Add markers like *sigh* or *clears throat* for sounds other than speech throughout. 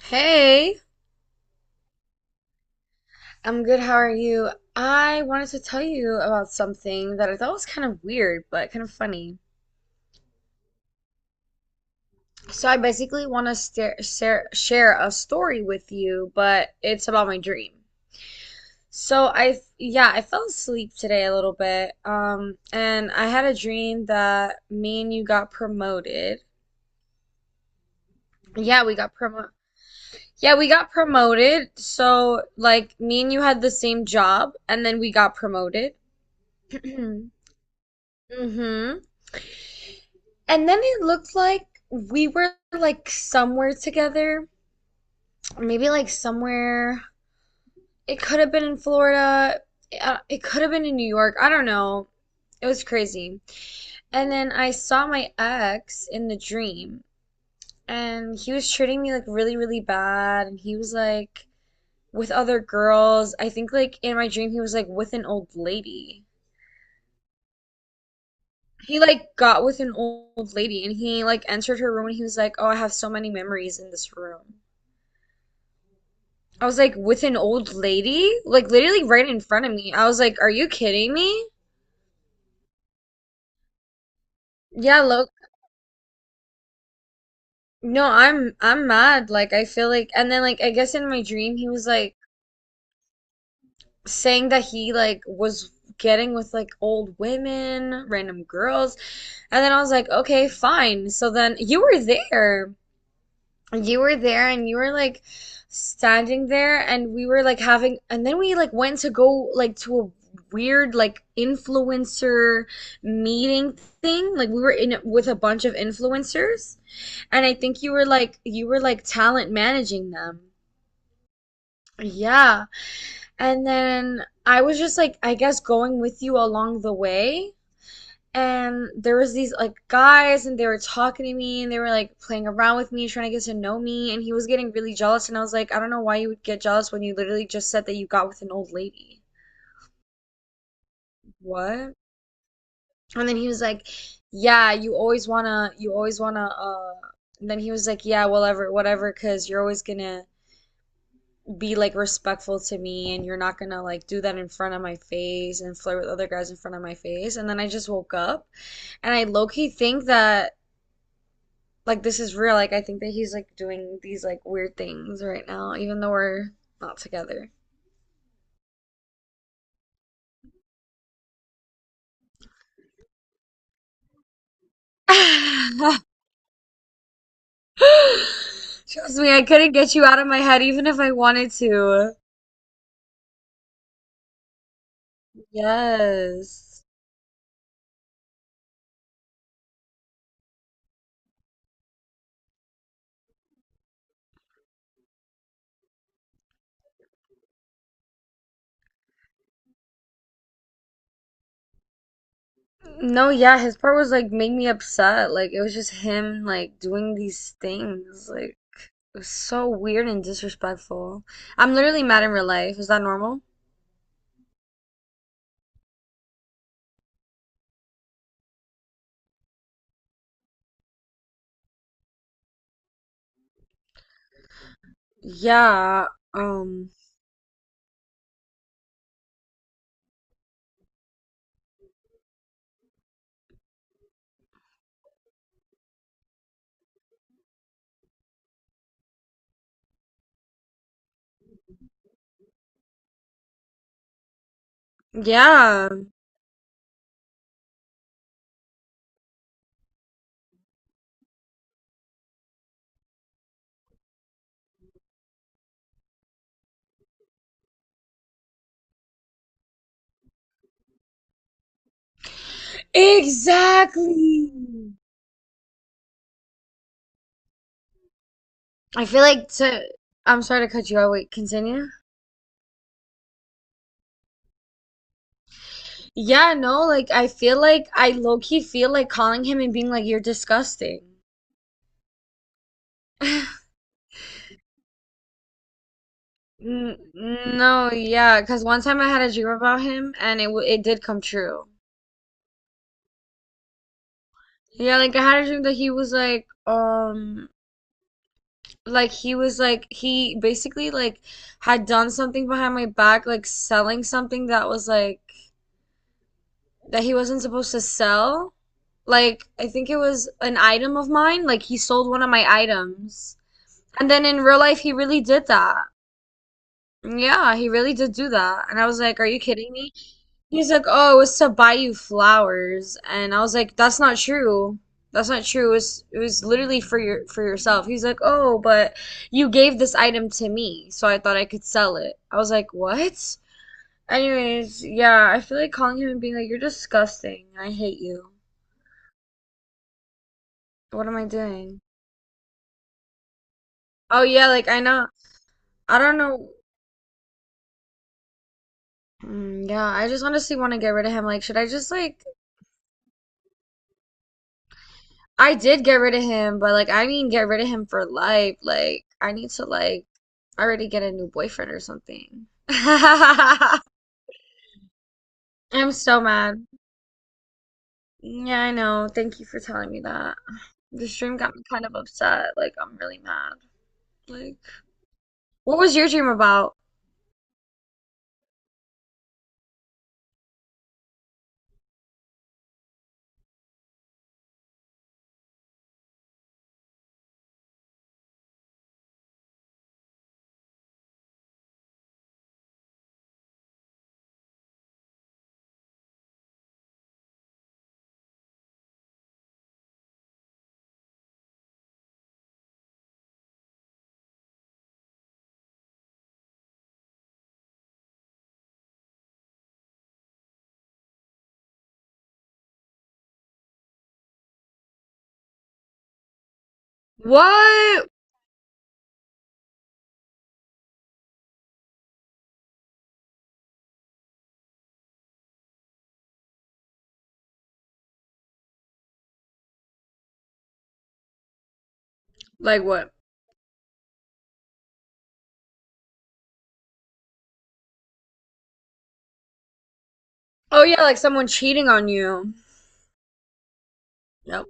Hey, I'm good. How are you? I wanted to tell you about something that I thought was kind of weird, but kind of funny. So I basically want to share a story with you, but it's about my dream. So I fell asleep today a little bit, and I had a dream that me and you got promoted. Yeah, we got promoted. Yeah, we got promoted. So like me and you had the same job, and then we got promoted. *clears throat* Mm-hmm. And then it looked like we were like somewhere together, maybe like somewhere. It could have been in Florida. It could have been in New York. I don't know. It was crazy. And then I saw my ex in the dream, and he was treating me like really, really bad. And he was like with other girls. I think like in my dream, he was like with an old lady. He like got with an old lady, and he like entered her room, and he was like, "Oh, I have so many memories in this room." I was like with an old lady, like literally right in front of me. I was like, "Are you kidding me?" Yeah, look. No, I'm mad. Like I feel like and then like I guess in my dream he was like saying that he like was getting with like old women, random girls. And then I was like, "Okay, fine." So then you were there. You were there and you were like standing there and we were like having and then we like went to go like to a weird like influencer meeting thing like we were in with a bunch of influencers, and I think you were like talent managing them, yeah, and then I was just like I guess going with you along the way, and there was these like guys and they were talking to me and they were like playing around with me trying to get to know me, and he was getting really jealous, and I was like I don't know why you would get jealous when you literally just said that you got with an old lady. What? And then he was like yeah you always wanna you always wanna and then he was like yeah whatever because you're always gonna be like respectful to me and you're not gonna like do that in front of my face and flirt with other guys in front of my face, and then I just woke up. And I low-key think that like this is real. Like I think that he's like doing these like weird things right now, even though we're not together. *laughs* Trust me, I couldn't get you out of my head even if I wanted to. Yes. No, yeah, his part was like made me upset. Like it was just him like doing these things. Like it was so weird and disrespectful. I'm literally mad in real life. Is that normal? Yeah. Um, yeah. Exactly. I feel like to I'm sorry to cut you out. Wait, continue. Yeah, no, like I feel like I low key feel like calling him and being like, "You're disgusting." *laughs* No, yeah, because one time I had a dream about him and it did come true. Yeah, like I had a dream that he was like he basically like had done something behind my back, like selling something that was like that he wasn't supposed to sell. Like, I think it was an item of mine. Like, he sold one of my items. And then in real life, he really did that. Yeah, he really did do that. And I was like, "Are you kidding me?" He's like, "Oh, it was to buy you flowers." And I was like, "That's not true. That's not true. It was literally for yourself. He's like, "Oh, but you gave this item to me, so I thought I could sell it." I was like, "What?" Anyways, yeah, I feel like calling him and being like, "You're disgusting. I hate you." What am I doing? Oh yeah, like I know. I don't know. Mm, yeah, I just honestly want to get rid of him. Like, should I just like? I did get rid of him, but like I mean, get rid of him for life. Like, I need to like already get a new boyfriend or something. *laughs* I'm so mad. Yeah, I know. Thank you for telling me that. The stream got me kind of upset. Like, I'm really mad. Like, what was your dream about? What? Like what? Oh yeah, like someone cheating on you. Yep.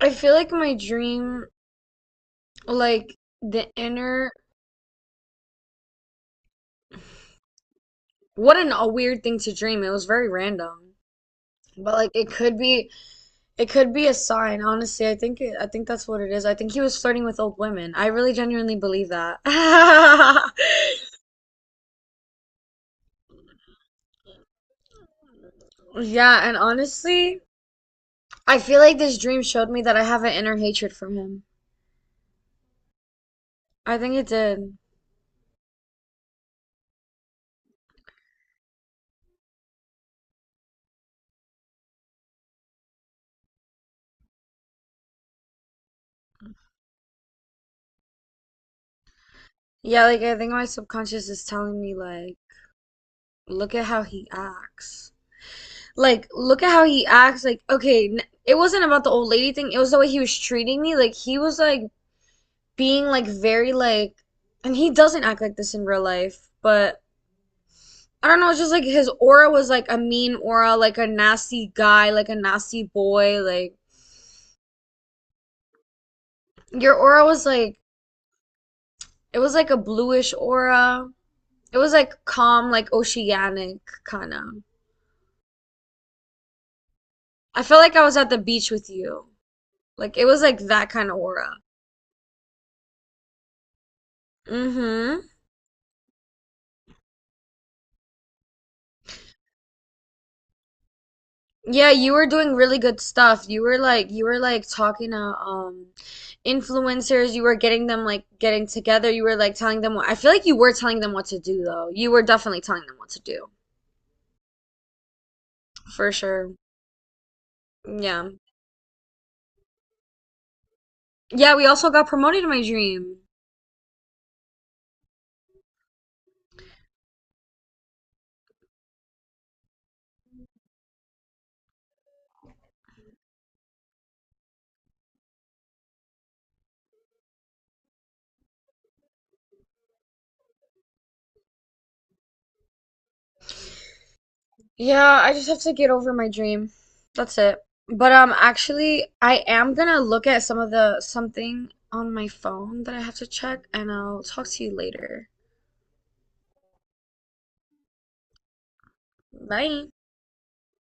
I feel like my dream, like the inner, what an, a weird thing to dream. It was very random, but like it could be a sign. Honestly, I think it, I think that's what it is. I think he was flirting with old women. I really genuinely believe that. *laughs* Yeah, and honestly, I feel like this dream showed me that I have an inner hatred for him. I think it did. Yeah, like I think my subconscious is telling me like, look at how he acts. Like look at how he acts, like okay, it wasn't about the old lady thing, it was the way he was treating me, like he was like being like very like, and he doesn't act like this in real life, but I don't know, it's just like his aura was like a mean aura, like a nasty guy, like a nasty boy, like your aura was like, it was like a bluish aura, it was like calm, like oceanic kind of. I felt like I was at the beach with you, like it was like that kind of aura. Mm-hmm. Yeah, you were doing really good stuff. You were like talking to influencers, you were getting them like getting together, you were like telling them what I feel like you were telling them what to do though. You were definitely telling them what to do. For sure. Yeah. Yeah, we also got promoted in my dream. Yeah, I just have to get over my dream. That's it. But actually I am gonna look at some of the something on my phone that I have to check and I'll talk to you later. Bye.